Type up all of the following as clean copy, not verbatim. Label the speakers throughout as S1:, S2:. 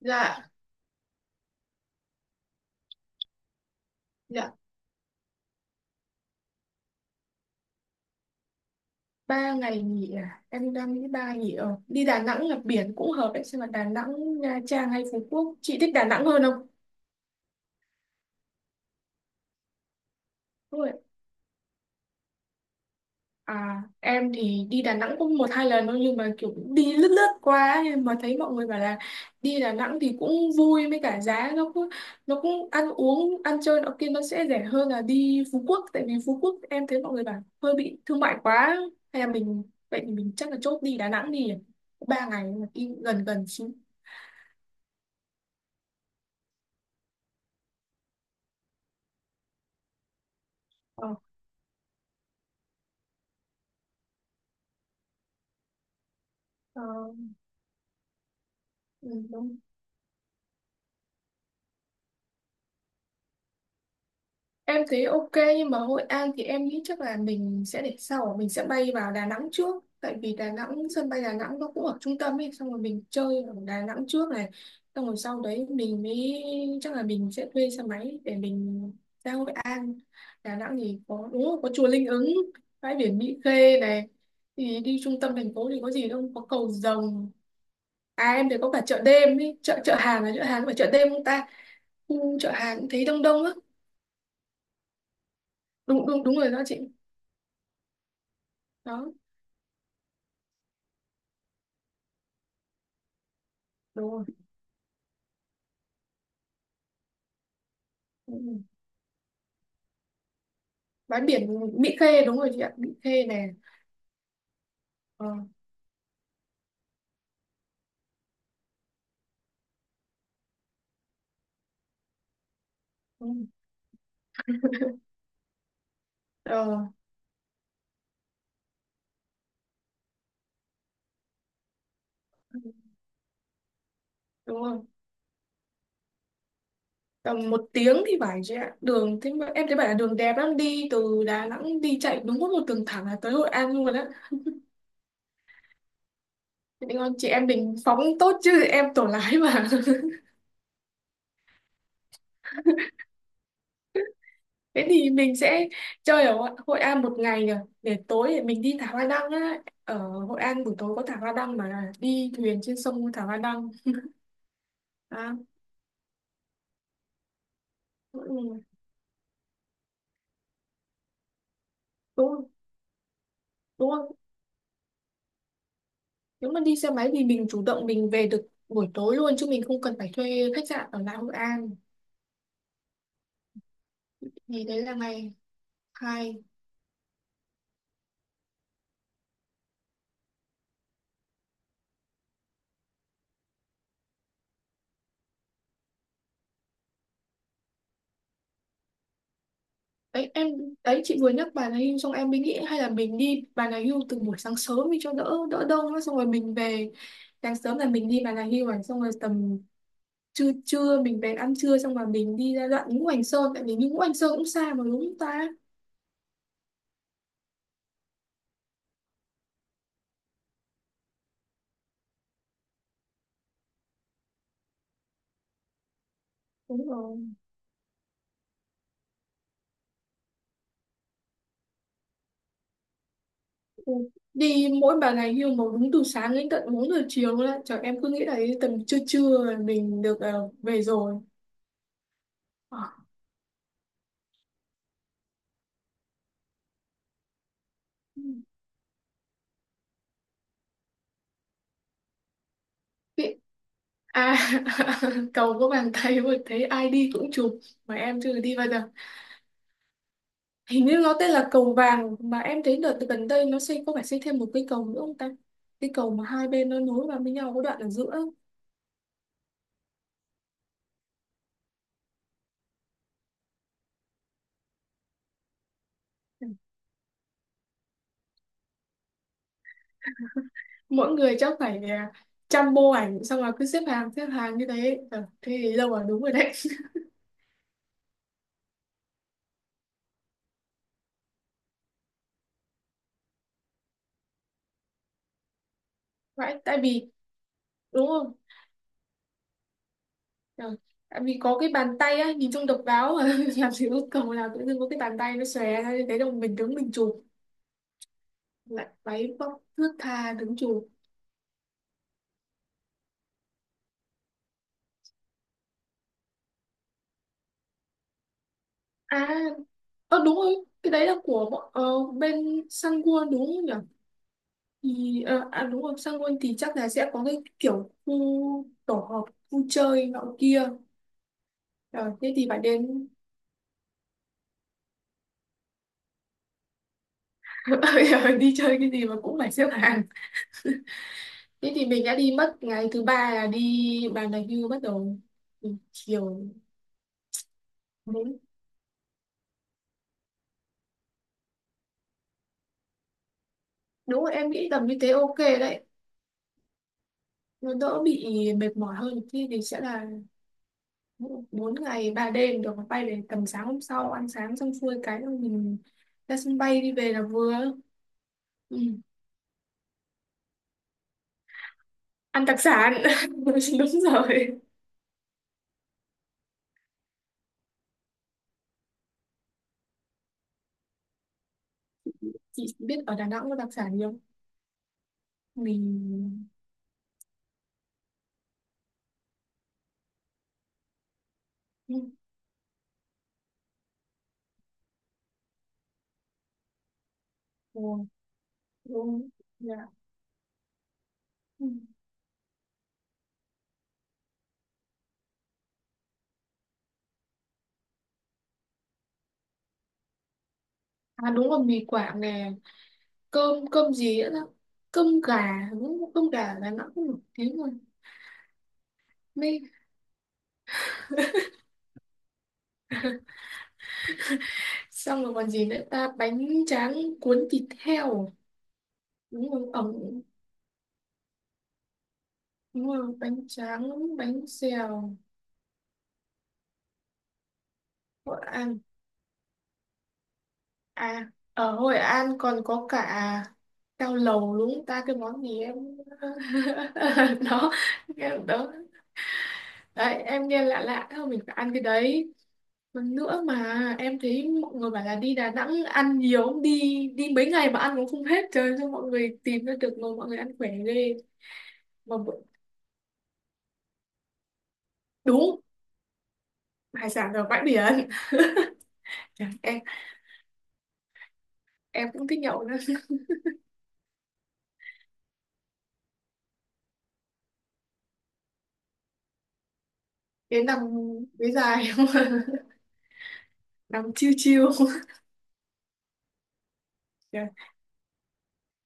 S1: Dạ, dạ, ba ngày nghỉ à? Em đang nghĩ ba nghỉ ở đi Đà Nẵng là biển cũng hợp đấy, xem là Đà Nẵng, Nha Trang hay Phú Quốc. Chị thích Đà Nẵng hơn không? Đúng rồi. À, em thì đi Đà Nẵng cũng một hai lần thôi nhưng mà kiểu đi lướt lướt qua ấy, mà thấy mọi người bảo là đi Đà Nẵng thì cũng vui với cả giá nó cũng ăn uống ăn chơi nó kia nó sẽ rẻ hơn là đi Phú Quốc, tại vì Phú Quốc em thấy mọi người bảo hơi bị thương mại quá. Hay là mình, vậy thì mình chắc là chốt đi Đà Nẵng đi, ba ngày mà đi gần gần xíu. Ờ, ừ, đúng. Em thấy ok, nhưng mà Hội An thì em nghĩ chắc là mình sẽ để sau, mình sẽ bay vào Đà Nẵng trước tại vì Đà Nẵng, sân bay Đà Nẵng nó cũng ở trung tâm ấy, xong rồi mình chơi ở Đà Nẵng trước này, xong rồi sau đấy mình mới, chắc là mình sẽ thuê xe máy để mình ra Hội An. Đà Nẵng thì có đúng rồi, có chùa Linh Ứng, bãi biển Mỹ Khê này, thì đi trung tâm thành phố thì có gì đâu, có cầu rồng. À em thấy có cả chợ đêm ý, chợ chợ hàng là chợ hàng, phải chợ đêm không ta? Khu chợ hàng cũng thấy đông đông á. Đúng đúng đúng rồi đó chị. Đó, đúng rồi. Ừ. Bãi biển Mỹ Khê đúng rồi chị ạ, Mỹ Khê nè. Ờ, đúng. Ờ, đúng rồi. Tầm một tiếng thì phải chị ạ. Đường thế mà em thấy bảo là đường đẹp lắm, đi từ Đà Nẵng đi chạy đúng có một đường thẳng là tới Hội An luôn á. Chị định con chị em mình phóng tốt chứ em tổ lái mà. Thế thì mình sẽ chơi ở Hội Hội An một ngày nhỉ, để tối thì mình đi thả hoa đăng á, ở Hội An buổi tối có thả hoa đăng mà, đi thuyền trên sông thả hoa đăng. à, ừ, đúng rồi, đúng không, nếu mà đi xe máy thì mình chủ động mình về được buổi tối luôn chứ mình không cần phải thuê khách sạn ở lại Hội An. Thì đấy là ngày hai. Đấy em, đấy chị vừa nhắc Bà Nà Hills xong em mới nghĩ hay là mình đi Bà Nà Hills từ buổi sáng sớm đi cho đỡ đỡ đông á, xong rồi mình về. Sáng sớm là mình đi Bà Nà Hills, xong rồi tầm trưa trưa mình bèn ăn trưa, xong rồi mình đi ra đoạn Ngũ Hành Sơn, tại vì đi Ngũ Hành Sơn cũng xa mà đúng không ta. Đúng rồi. Ừ. Đi mỗi ba ngày nhưng mà đúng từ sáng đến tận 4 giờ chiều luôn á trời, em cứ nghĩ là đến tầm trưa trưa là mình được về rồi. Ờ, Ừ. À cầu có bàn tay mà thấy ai đi cũng chụp, mà em chưa đi bao giờ. Hình như nó tên là cầu vàng, mà em thấy đợt gần đây nó xây, có phải xây thêm một cây cầu nữa không ta, cái cầu mà hai bên nó nối vào với nhau có đoạn ở giữa ấy. Mỗi người chắc phải trăm bộ ảnh, xong rồi cứ xếp hàng như thế thế thì đâu mà đúng rồi đấy. Vậy, tại vì đúng không. Ờ, tại vì có cái bàn tay á nhìn trông độc đáo mà. Làm gì có cầu nào tự dưng có cái bàn tay nó xòe ra như thế đâu, mình đứng mình chụp lại, váy vóc thướt tha đứng chụp. À ờ đúng rồi, cái đấy là bên Sangwon đúng không nhỉ, thì đúng rồi, Sangwon thì chắc là sẽ có cái kiểu khu tổ hợp, khu chơi nọ kia. Ờ, thế thì phải đến. Bây giờ đi chơi cái gì mà cũng phải xếp hàng. Thế thì mình đã đi mất ngày thứ ba là đi bàn đạp hưu, bắt đầu từ chiều đến. Đúng rồi, em nghĩ tầm như thế ok đấy. Nó đỡ bị mệt mỏi hơn, thì sẽ là bốn ngày ba đêm, được bay về tầm sáng hôm sau, ăn sáng xong xuôi cái rồi mình ra sân bay đi về là vừa. Ừ. Ăn đặc sản đúng rồi, chị biết ở Đà Nẵng có đặc sản gì không, mình. Ừ. Ừ. Ừ. Dạ. Ừ. À đúng rồi, mì Quảng nè, cơm cơm gì nữa đó, cơm gà đúng không? Cơm gà là nó cũng nổi tiếng rồi. Mê. Xong rồi còn gì nữa ta, bánh tráng cuốn thịt heo đúng rồi, ẩm, đúng rồi, bánh tráng bánh xèo, Hội An. À ở Hội An còn có cả cao lầu đúng không ta, cái món gì em. Đó, đó, đấy em nghe lạ lạ thôi, mình phải ăn cái đấy. Còn nữa mà em thấy mọi người bảo là đi Đà Nẵng ăn nhiều đi, đi mấy ngày mà ăn cũng không hết trời, cho mọi người tìm ra được, ngồi mọi người ăn khỏe ghê. mà bữa- đúng, hải sản ở bãi biển. Trời, em cũng thích nhậu nữa. Đến nằm với dài không. Nằm chiêu chiêu. Trời,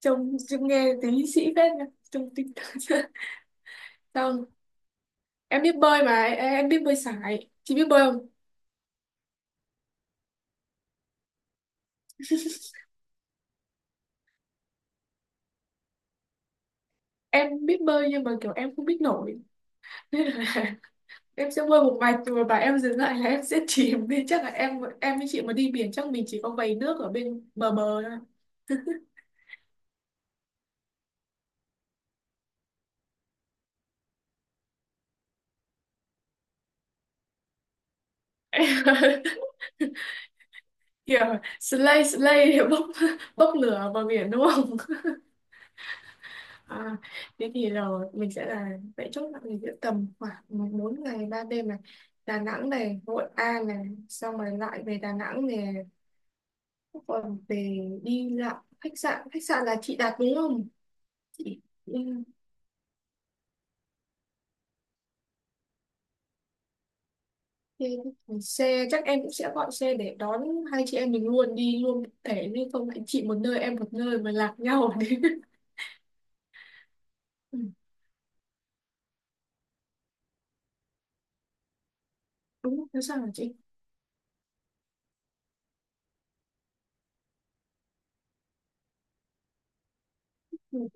S1: trông trông nghe tí sĩ phết nha, trông tinh thần. Xong em biết bơi mà, em biết bơi sải, chị biết bơi không. Em biết bơi nhưng mà kiểu em không biết nổi nên là em sẽ bơi một mạch rồi bà em dừng lại là em sẽ chìm đi, chắc là em với chị mà đi biển chắc mình chỉ có vầy nước ở bên bờ bờ thôi. Kiểu slay slay để bốc bốc lửa vào biển đúng không. à, Thế thì là mình sẽ là, vậy chốt là mình sẽ tầm khoảng 4 ngày 3 đêm này, Đà Nẵng này, Hội An này, xong rồi lại về Đà Nẵng này, còn về đi lại, khách sạn là chị đặt đúng không chị. Ừ, thì xe chắc em cũng sẽ gọi xe để đón hai chị em mình luôn đi luôn một thể, nhưng không lại chị một nơi em một nơi mà lạc nhau đấy. ừ, Đúng thế sao hả chị. Ừ.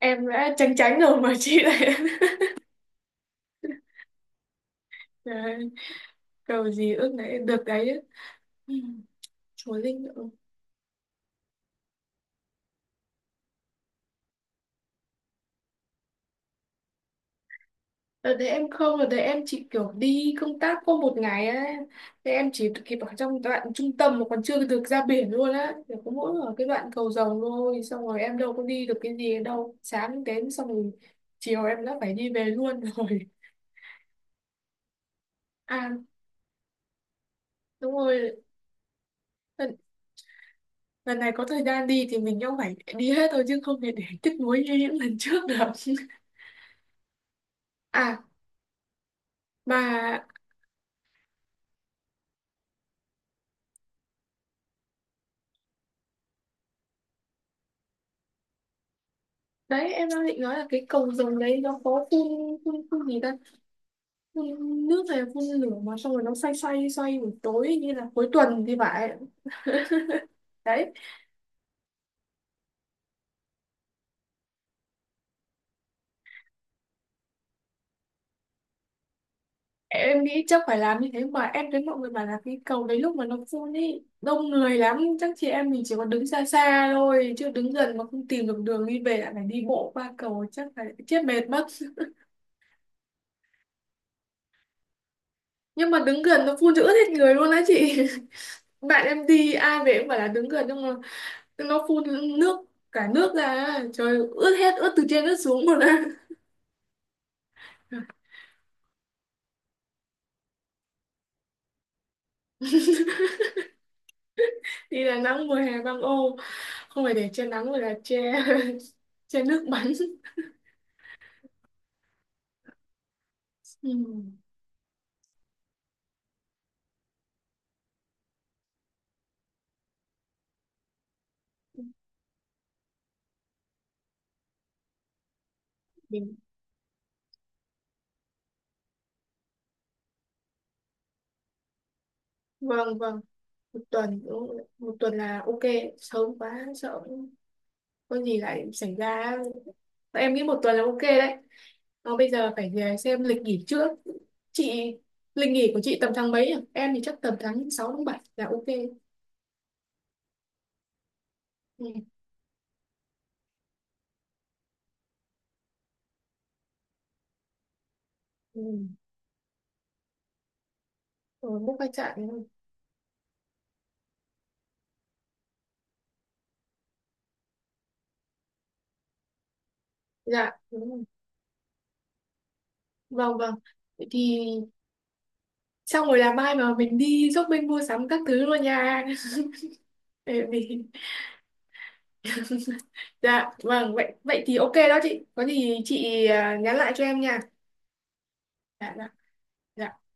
S1: Em đã tránh tránh rồi mà chị lại. Đấy, cầu gì ước đấy được đấy. Ừ. Chúa linh nữa. Đợt đấy em không, đợt đấy em chỉ kiểu đi công tác có một ngày ấy. Thế em chỉ kịp ở trong đoạn trung tâm mà còn chưa được ra biển luôn á. Chỉ có mỗi ở cái đoạn cầu Rồng thôi. Xong rồi em đâu có đi được cái gì đâu. Sáng đến xong rồi chiều em đã phải đi về luôn rồi. À đúng rồi, lần, lần này có thời gian đi thì mình cũng phải đi hết thôi chứ không thể để tiếc nuối như những lần trước được. À mà đấy em đang định nói là cái cầu Rồng đấy nó có phun gì ta? Phun nước hay phun lửa mà xong rồi nó xoay xoay xoay buổi tối như là cuối tuần thì phải. Đấy em nghĩ chắc phải làm như thế, mà em thấy mọi người bảo là cái cầu đấy lúc mà nó phun ý đông người lắm, chắc chị em mình chỉ có đứng xa xa thôi, chứ đứng gần mà không tìm được đường đi về lại phải đi bộ qua cầu chắc phải chết mệt mất. Nhưng mà đứng gần nó phun cho ướt hết người luôn á chị. Bạn em đi ai về cũng phải là đứng gần, nhưng mà nó phun nước, cả nước ra trời, ướt hết, ướt từ trên ướt xuống luôn á. Đi Đà Nẵng mùa hè băng ô, không phải để che nắng mà là che che nước bắn. Ừ. mình- vâng vâng, một tuần đúng rồi. Một tuần là ok, sớm quá sợ có gì lại xảy ra, em nghĩ một tuần là ok đấy. Nó bây giờ phải về xem lịch nghỉ trước chị, lịch nghỉ của chị tầm tháng mấy à? Em thì chắc tầm tháng 6 tháng 7 là ok. Ừ. Ừ. Rồi book khách sạn đúng không? Dạ đúng rồi. Vâng vâng. Vậy thì xong rồi là mai mà mình đi shopping mua sắm các thứ luôn nha. Để mình... dạ vâng vậy vậy thì ok đó chị, có gì chị nhắn lại cho em nha. Dạ dạ Dạ.